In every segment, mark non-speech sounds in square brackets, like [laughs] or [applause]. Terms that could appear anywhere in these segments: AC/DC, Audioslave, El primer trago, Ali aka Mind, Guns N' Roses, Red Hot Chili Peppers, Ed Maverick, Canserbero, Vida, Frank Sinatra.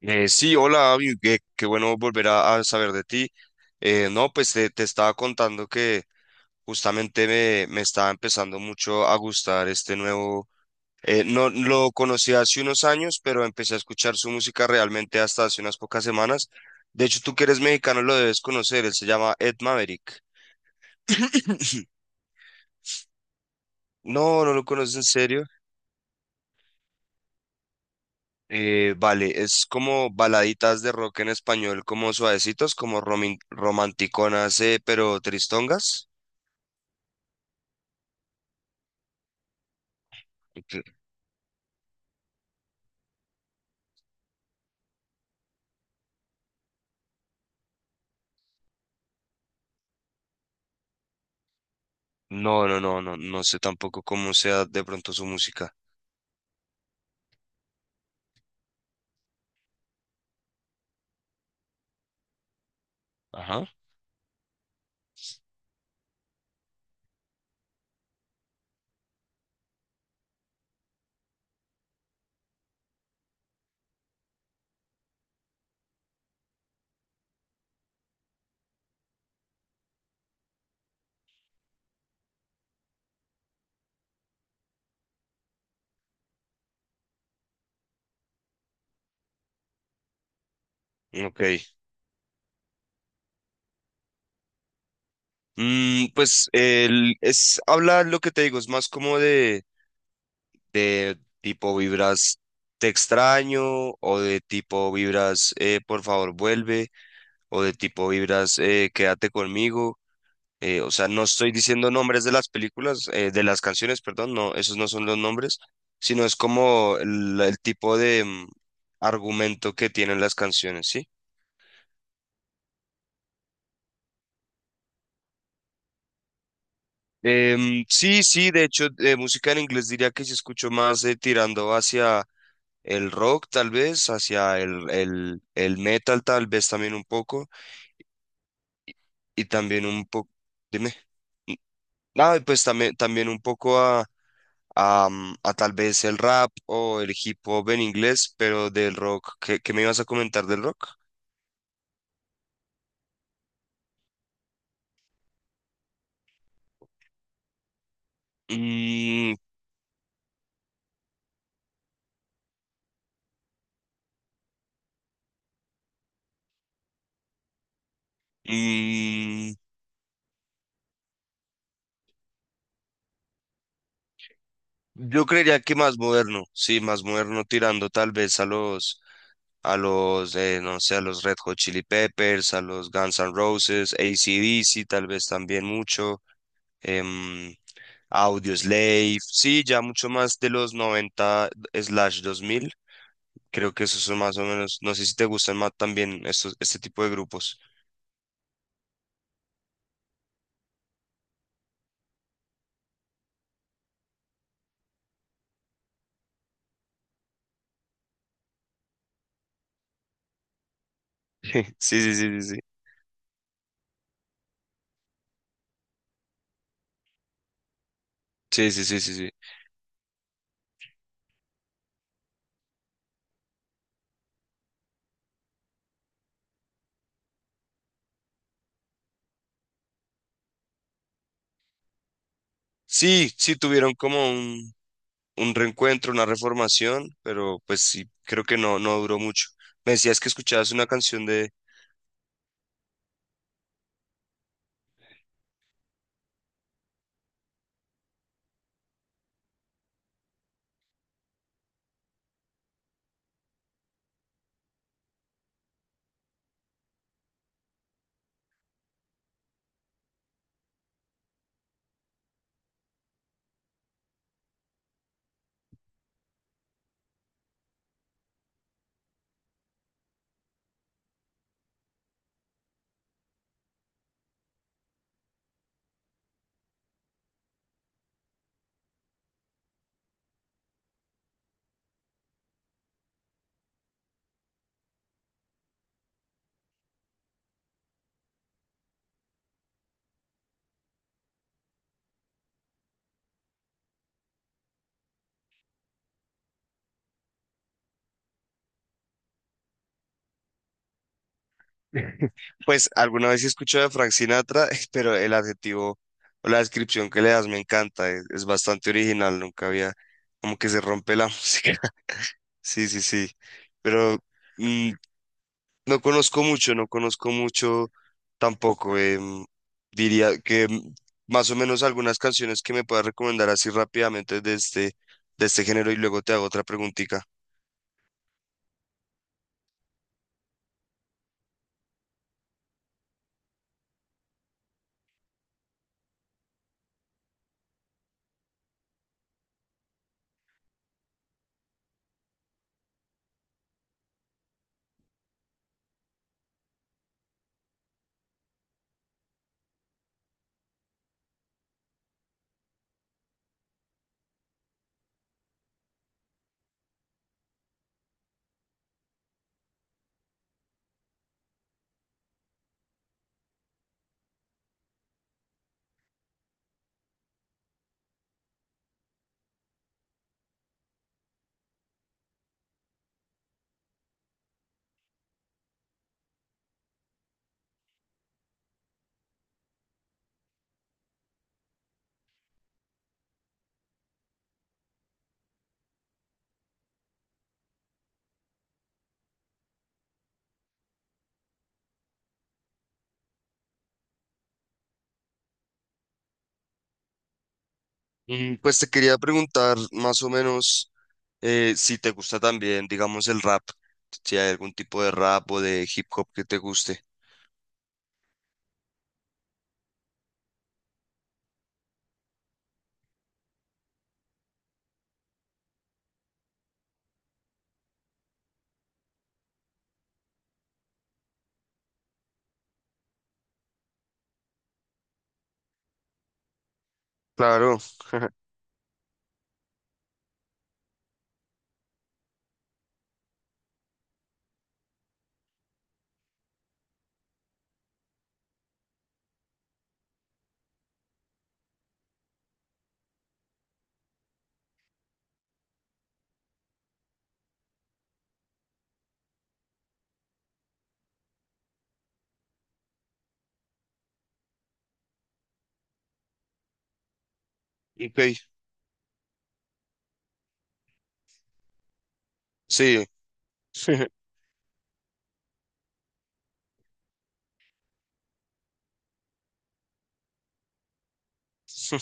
Sí, hola, Abby, qué bueno volver a saber de ti. No, pues te estaba contando que justamente me estaba empezando mucho a gustar este nuevo, no lo conocí hace unos años, pero empecé a escuchar su música realmente hasta hace unas pocas semanas. De hecho, tú que eres mexicano lo debes conocer, él se llama Ed Maverick. [laughs] No, no lo conoces, ¿en serio? Vale, es como baladitas de rock en español, como suavecitos, como romanticonas, pero tristongas. Ok. No, no, no, no, no sé tampoco cómo sea de pronto su música. Ajá. Ok. Pues él es, habla lo que te digo, es más como de tipo vibras te extraño, o de tipo vibras, por favor vuelve, o de tipo vibras, quédate conmigo. O sea, no estoy diciendo nombres de las películas, de las canciones, perdón, no, esos no son los nombres, sino es como el tipo de argumento que tienen las canciones, ¿sí? Sí, sí, de hecho, de música en inglés diría que sí escucho más, tirando hacia el rock, tal vez, hacia el metal, tal vez también un poco. Y también un poco, dime, nada, pues también, también un poco a tal vez el rap o el hip hop en inglés, pero del rock, ¿qué me ibas a comentar del rock? Mm, mm, yo creería que más moderno, sí, más moderno tirando tal vez no sé, a los Red Hot Chili Peppers, a los Guns N' Roses, AC/DC, tal vez también mucho. em, Audioslave, sí, ya mucho más de los noventa/dos mil. Creo que esos son más o menos. No sé si te gustan más también estos, este tipo de grupos. [laughs] Sí, sí, sí, sí, sí. Sí, sí, sí, sí, sí. Sí, sí tuvieron como un reencuentro, una reformación, pero pues sí, creo que no, no duró mucho. Me decías que escuchabas una canción de... [laughs] Pues alguna vez he escuchado de Frank Sinatra, [laughs] pero el adjetivo o la descripción que le das me encanta, es bastante original, nunca había, como que se rompe la [laughs] música. Sí, sí, sí. Pero mm, no conozco mucho, no conozco mucho tampoco. Diría que más o menos algunas canciones que me puedas recomendar así rápidamente de este género, y luego te hago otra preguntita. Pues te quería preguntar más o menos, si te gusta también, digamos, el rap, si hay algún tipo de rap o de hip hop que te guste. Claro, ok, sí, [laughs] sí,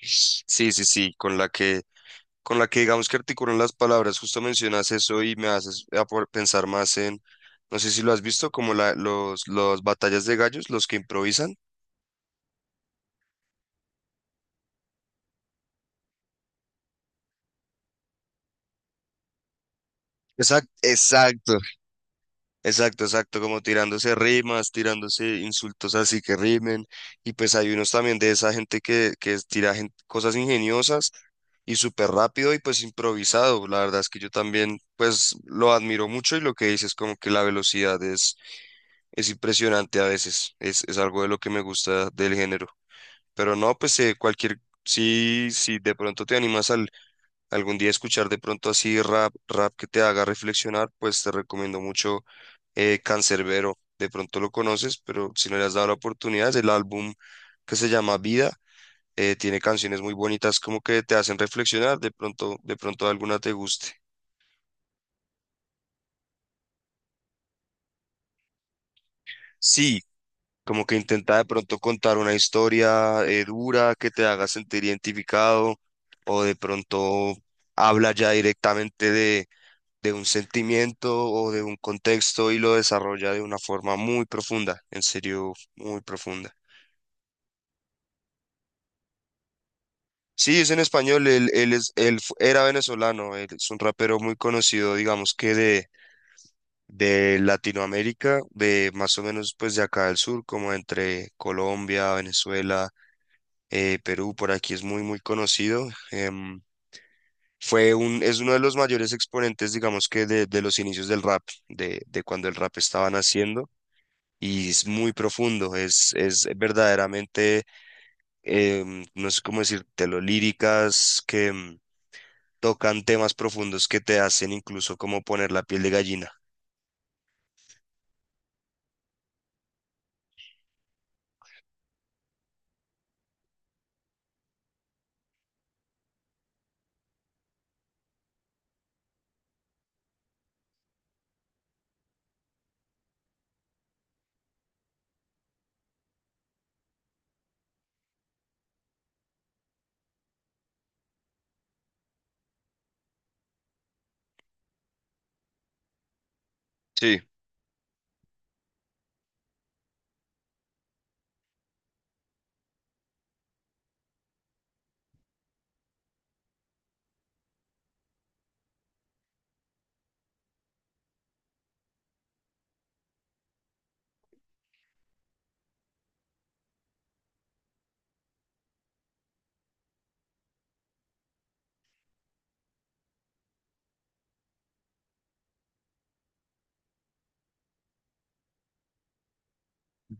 sí, sí, sí, con la que digamos que articulan las palabras, justo mencionas eso y me haces pensar más en, no sé si lo has visto, como los batallas de gallos, los que improvisan. Exacto, exacto, exacto, exacto, como tirándose rimas, tirándose insultos así que rimen, y pues hay unos también de esa gente que tira cosas ingeniosas y súper rápido y pues improvisado. La verdad es que yo también pues lo admiro mucho, y lo que dices como que la velocidad es impresionante a veces, es algo de lo que me gusta del género. Pero no, pues cualquier, si de pronto te animas algún día a escuchar de pronto así rap, rap que te haga reflexionar, pues te recomiendo mucho, Canserbero. De pronto lo conoces, pero si no le has dado la oportunidad, es el álbum que se llama Vida. Tiene canciones muy bonitas como que te hacen reflexionar, de pronto alguna te guste. Sí, como que intenta de pronto contar una historia, dura, que te haga sentir identificado, o de pronto habla ya directamente de un sentimiento o de un contexto, y lo desarrolla de una forma muy profunda, en serio, muy profunda. Sí, es en español, él es, él fu- era venezolano, él es un rapero muy conocido, digamos que de Latinoamérica, de más o menos pues de acá del sur, como entre Colombia, Venezuela. Perú por aquí es muy, muy conocido. Es uno de los mayores exponentes, digamos que de los inicios del rap, de cuando el rap estaba naciendo. Y es muy profundo, es verdaderamente, no sé cómo decírtelo, líricas que tocan temas profundos que te hacen incluso como poner la piel de gallina. Sí,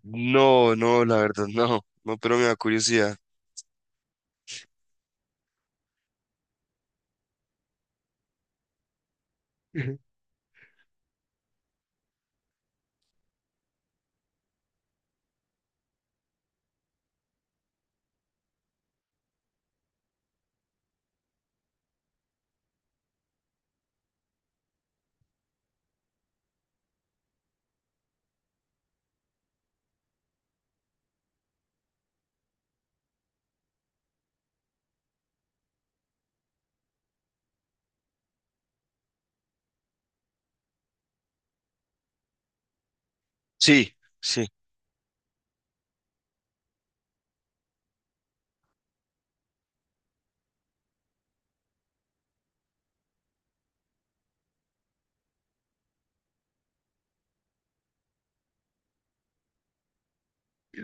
no, no, la verdad, no, no, pero me da curiosidad. Sí, sí,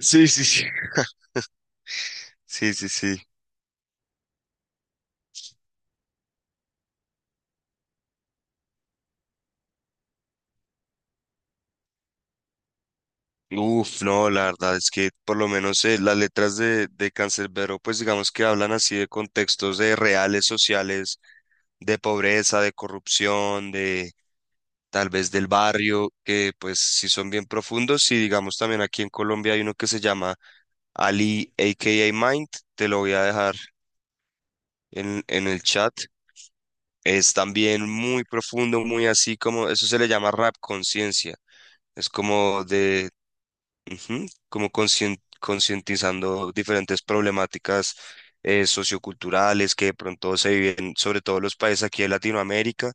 sí, sí, sí, [laughs] sí, sí, sí. Uf, no, la verdad es que por lo menos, las letras de Canserbero, pues digamos que hablan así de contextos de reales sociales, de pobreza, de corrupción, de tal vez del barrio, que pues sí son bien profundos. Y digamos también aquí en Colombia hay uno que se llama Ali, aka Mind, te lo voy a dejar en el chat. Es también muy profundo, muy así como, eso se le llama rap conciencia. Es como de... Ujú, como concientizando diferentes problemáticas, socioculturales, que de pronto se viven, sobre todo los países aquí de Latinoamérica,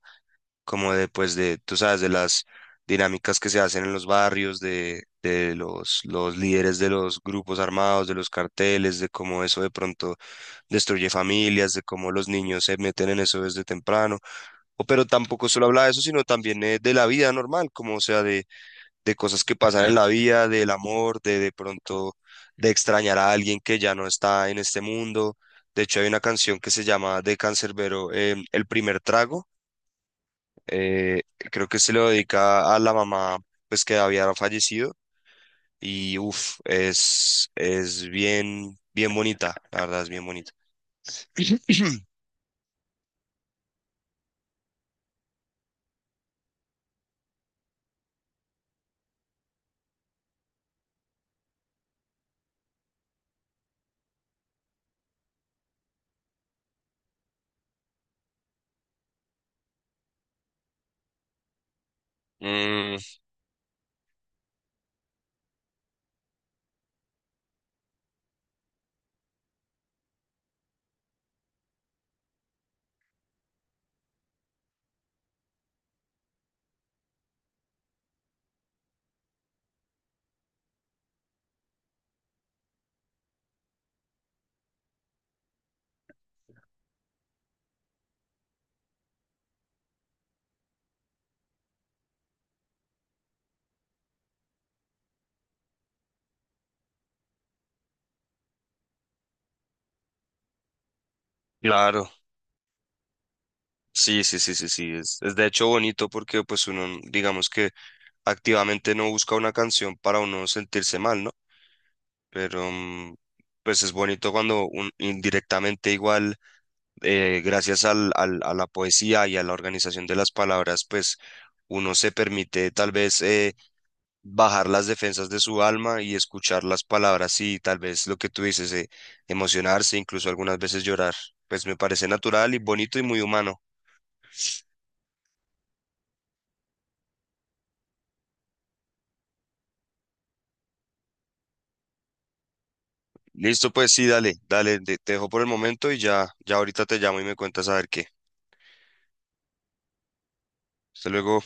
como de, pues, de, tú sabes, de las dinámicas que se hacen en los barrios, de los líderes de los grupos armados, de los carteles, de cómo eso de pronto destruye familias, de cómo los niños se meten en eso desde temprano. O, pero tampoco solo habla de eso, sino también, de la vida normal, como o sea, de cosas que pasan en la vida, del amor, de pronto de extrañar a alguien que ya no está en este mundo. De hecho, hay una canción que se llama de Canserbero, El primer trago. eh, Creo que se lo dedica a la mamá, pues que había fallecido. Y uff, es bien, bien bonita, la verdad es bien bonita. [clears throat] Mm, claro, sí, sí, sí, sí, sí, es de hecho bonito, porque pues uno, digamos que activamente no busca una canción para uno sentirse mal, ¿no? Pero pues es bonito cuando indirectamente igual, gracias a la poesía y a la organización de las palabras, pues uno se permite tal vez, bajar las defensas de su alma y escuchar las palabras, y tal vez lo que tú dices, emocionarse, incluso algunas veces llorar. Pues me parece natural y bonito y muy humano. Listo, pues sí, dale, dale, te dejo por el momento, y ya ahorita te llamo y me cuentas a ver qué. Hasta luego.